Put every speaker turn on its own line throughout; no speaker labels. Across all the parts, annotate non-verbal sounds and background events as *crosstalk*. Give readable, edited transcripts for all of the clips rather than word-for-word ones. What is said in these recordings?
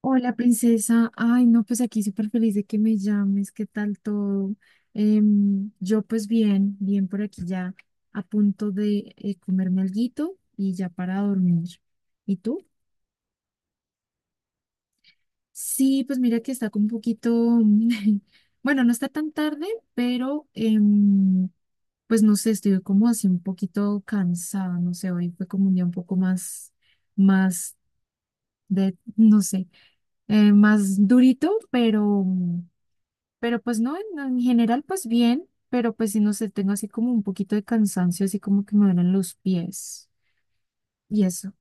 Hola, princesa. Ay, no, pues aquí súper feliz de que me llames. ¿Qué tal todo? Yo pues bien, bien por aquí ya a punto de comerme alguito y ya para dormir. ¿Y tú? Sí, pues mira que está como un poquito, *laughs* bueno, no está tan tarde, pero pues no sé, estoy como así un poquito cansada, no sé, hoy fue como un día un poco más, más de, no sé, más durito, pero... Pero pues no, en general pues bien, pero pues si no sé, tengo así como un poquito de cansancio, así como que me duelen los pies y eso.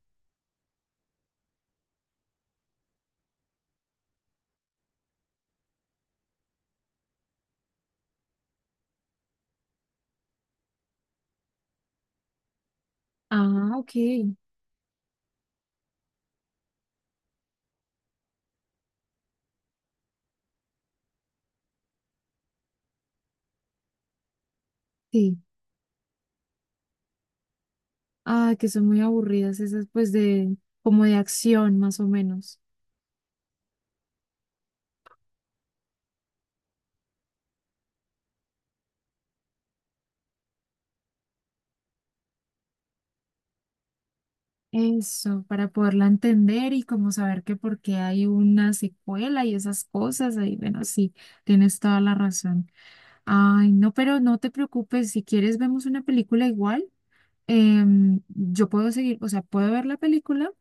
Ah, ok. Sí. Ah, que son muy aburridas esas pues de como de acción más o menos. Eso, para poderla entender y como saber que por qué hay una secuela y esas cosas, ahí bueno, sí, tienes toda la razón. Ay, no, pero no te preocupes, si quieres vemos una película igual, yo puedo seguir, o sea, puedo ver la película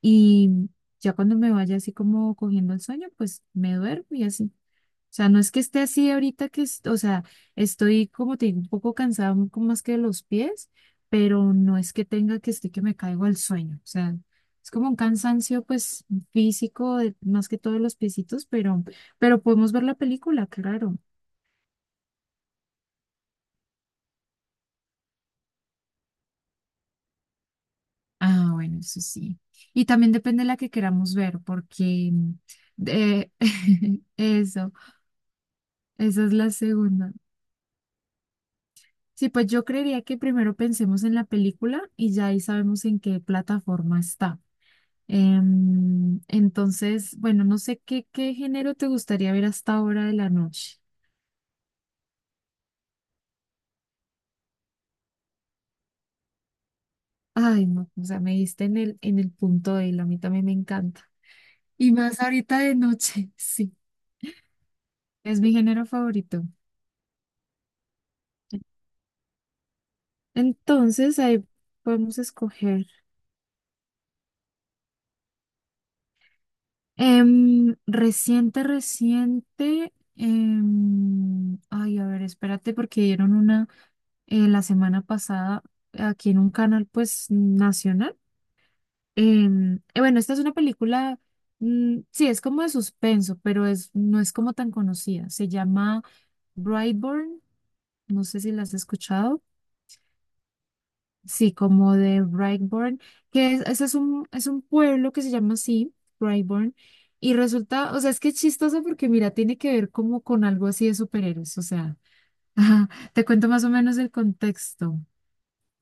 y ya cuando me vaya así como cogiendo el sueño, pues me duermo y así. O sea, no es que esté así ahorita que, o sea, estoy como te digo, un poco cansada, un poco más que de los pies, pero no es que tenga que esté que me caigo al sueño. O sea, es como un cansancio pues físico, más que todo de los piecitos, pero podemos ver la película, claro. Ah, bueno, eso sí. Y también depende de la que queramos ver, porque eh, *laughs* eso, esa es la segunda. Sí, pues yo creería que primero pensemos en la película y ya ahí sabemos en qué plataforma está. Entonces, bueno, no sé qué, qué género te gustaría ver hasta ahora de la noche. Ay, no, o sea, me diste en el punto de él, a mí también me encanta. Y más ahorita de noche, *laughs* sí, es mi género favorito. Entonces, ahí podemos escoger. Reciente, reciente. Ay, a ver, espérate, porque dieron una la semana pasada aquí en un canal, pues, nacional. Bueno, esta es una película, mm, sí, es como de suspenso, pero es, no es como tan conocida. Se llama Brightburn, no sé si la has escuchado. Sí, como de Brightburn, ese es un pueblo que se llama así, Brightburn, y resulta, o sea, es que es chistoso porque mira, tiene que ver como con algo así de superhéroes, o sea, *laughs* ajá, te cuento más o menos el contexto.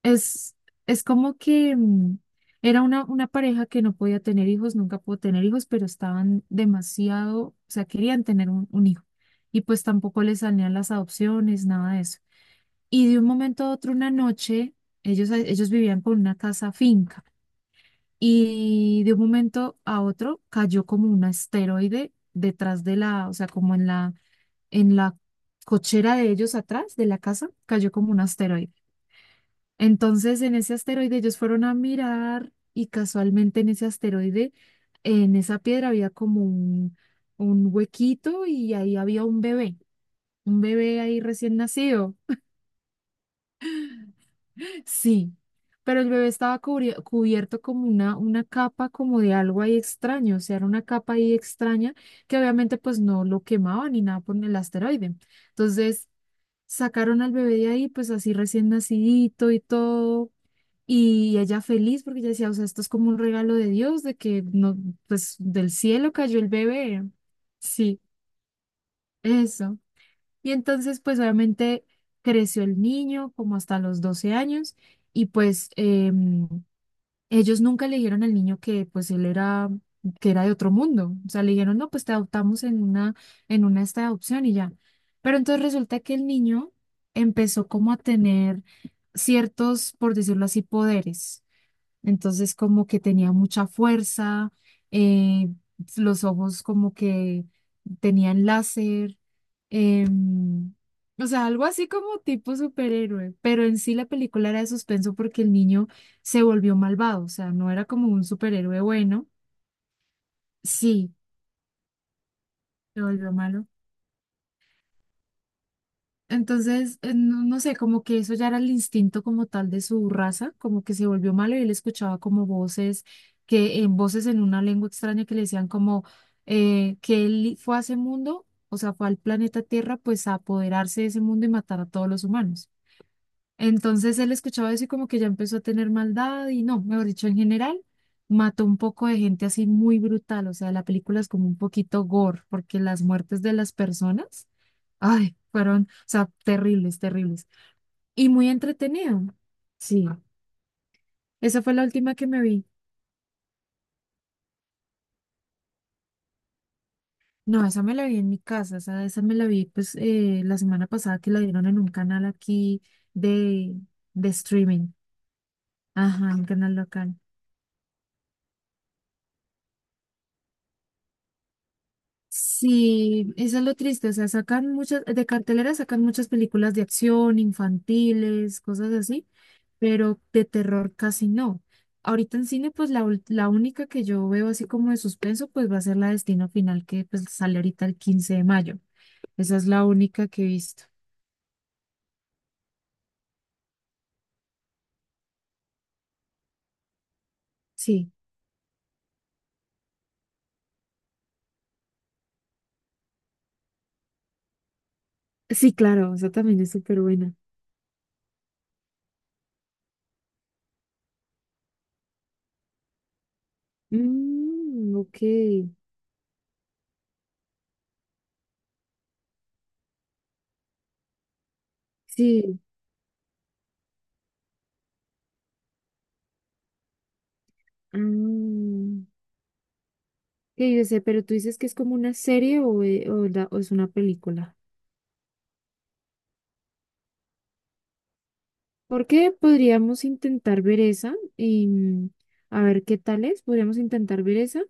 Es, es como que mm, era una pareja que no podía tener hijos, nunca pudo tener hijos, pero estaban demasiado, o sea, querían tener un hijo, y pues tampoco les salían las adopciones, nada de eso. Y de un momento a otro, una noche, ellos vivían con una casa finca y de un momento a otro cayó como un asteroide detrás de la, o sea, como en la cochera de ellos atrás de la casa, cayó como un asteroide. Entonces, en ese asteroide ellos fueron a mirar y casualmente en ese asteroide, en esa piedra había como un huequito y ahí había un bebé ahí recién nacido. Sí, pero el bebé estaba cubierto como una capa como de algo ahí extraño, o sea, era una capa ahí extraña que obviamente pues no lo quemaba ni nada por el asteroide. Entonces sacaron al bebé de ahí pues así recién nacidito y todo. Y ella feliz porque ella decía, o sea, esto es como un regalo de Dios, de que no, pues del cielo cayó el bebé. Sí, eso. Y entonces pues obviamente creció el niño como hasta los 12 años y pues... Ellos nunca le dijeron al niño que pues él era, que era de otro mundo. O sea, le dijeron, no, pues te adoptamos en una esta de adopción y ya. Pero entonces resulta que el niño empezó como a tener ciertos, por decirlo así, poderes. Entonces como que tenía mucha fuerza, eh, los ojos como que tenían láser, em, o sea, algo así como tipo superhéroe, pero en sí la película era de suspenso porque el niño se volvió malvado, o sea, no era como un superhéroe bueno, sí, se volvió malo. Entonces, no sé, como que eso ya era el instinto como tal de su raza, como que se volvió malo y él escuchaba como voces, que en voces en una lengua extraña que le decían como que él fue a ese mundo, o sea, fue al planeta Tierra, pues a apoderarse de ese mundo y matar a todos los humanos. Entonces él escuchaba eso y como que ya empezó a tener maldad y no, mejor dicho, en general, mató un poco de gente así muy brutal, o sea, la película es como un poquito gore, porque las muertes de las personas ay, fueron, o sea, terribles, terribles. Y muy entretenido. Sí, esa fue la última que me vi. No, esa me la vi en mi casa, esa me la vi pues la semana pasada que la dieron en un canal aquí de, de streaming. Ajá, un canal local. Sí, eso es lo triste, o sea, sacan muchas, de cartelera sacan muchas películas de acción, infantiles, cosas así, pero de terror casi no. Ahorita en cine, pues la, la única que yo veo así como de suspenso, pues va a ser la Destino Final, que pues sale ahorita el 15 de mayo. Esa es la única que he visto. Sí, sí, claro, esa también es súper buena. Mm, ok, sí. Mm, que yo sé, pero tú dices que es como una serie o o es una película. Porque podríamos intentar ver esa y mm, a ver qué tal es. Podríamos intentar ver esa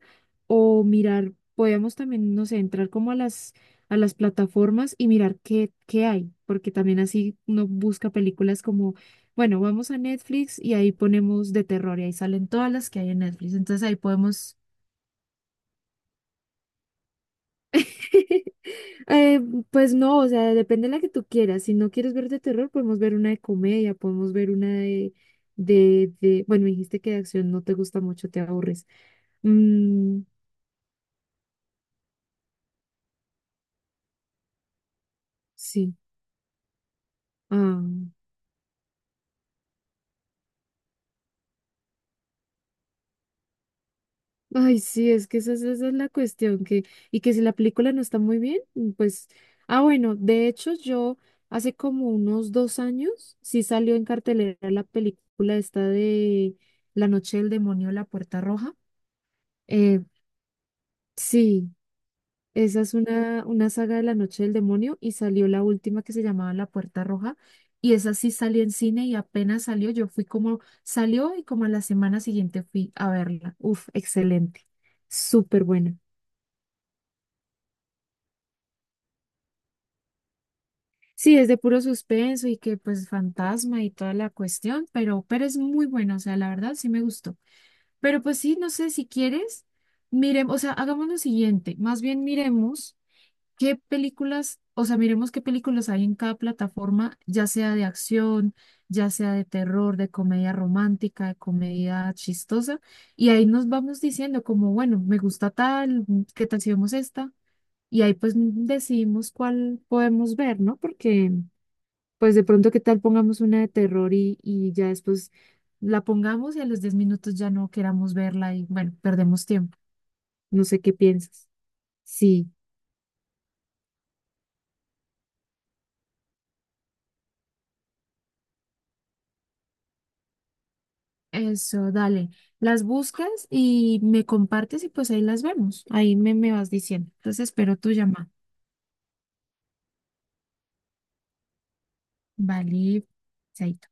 o mirar, podríamos también, no sé, entrar como a las plataformas y mirar qué, qué hay, porque también así uno busca películas como, bueno, vamos a Netflix y ahí ponemos de terror y ahí salen todas las que hay en Netflix. Entonces ahí podemos *laughs* eh, pues no, o sea, depende de la que tú quieras. Si no quieres ver de terror, podemos ver una de comedia, podemos ver una de, de... Bueno, me dijiste que de acción no te gusta mucho, te aburres. Mm, sí. Ah. Ay, sí, es que esa es la cuestión, que, y que si la película no está muy bien, mm, pues... Ah, bueno, de hecho yo hace como unos 2 años sí salió en cartelera la película esta de La Noche del Demonio, La Puerta Roja. Eh, Sí, esa es una saga de La Noche del Demonio y salió la última que se llamaba La Puerta Roja y esa sí salió en cine y apenas salió, yo fui como, salió y como a la semana siguiente fui a verla. Uf, excelente, súper buena. Sí, es de puro suspenso y que pues fantasma y toda la cuestión, pero es muy buena, o sea, la verdad sí me gustó. Pero pues sí, no sé si quieres, miremos, o sea, hagamos lo siguiente, más bien miremos. ¿Qué películas, o sea, miremos qué películas hay en cada plataforma, ya sea de acción, ya sea de terror, de comedia romántica, de comedia chistosa, y ahí nos vamos diciendo como, bueno, me gusta tal, mm, qué tal si vemos esta, y ahí pues mm, decidimos cuál podemos ver, ¿no? Porque pues de pronto qué tal pongamos una de terror y ya después la pongamos y a los 10 minutos ya no queramos verla y bueno, perdemos tiempo. No sé qué piensas. Sí. Eso, dale. Las buscas y me compartes y pues ahí las vemos. Ahí me, me vas diciendo. Entonces espero tu llamada. Vale. Chaito.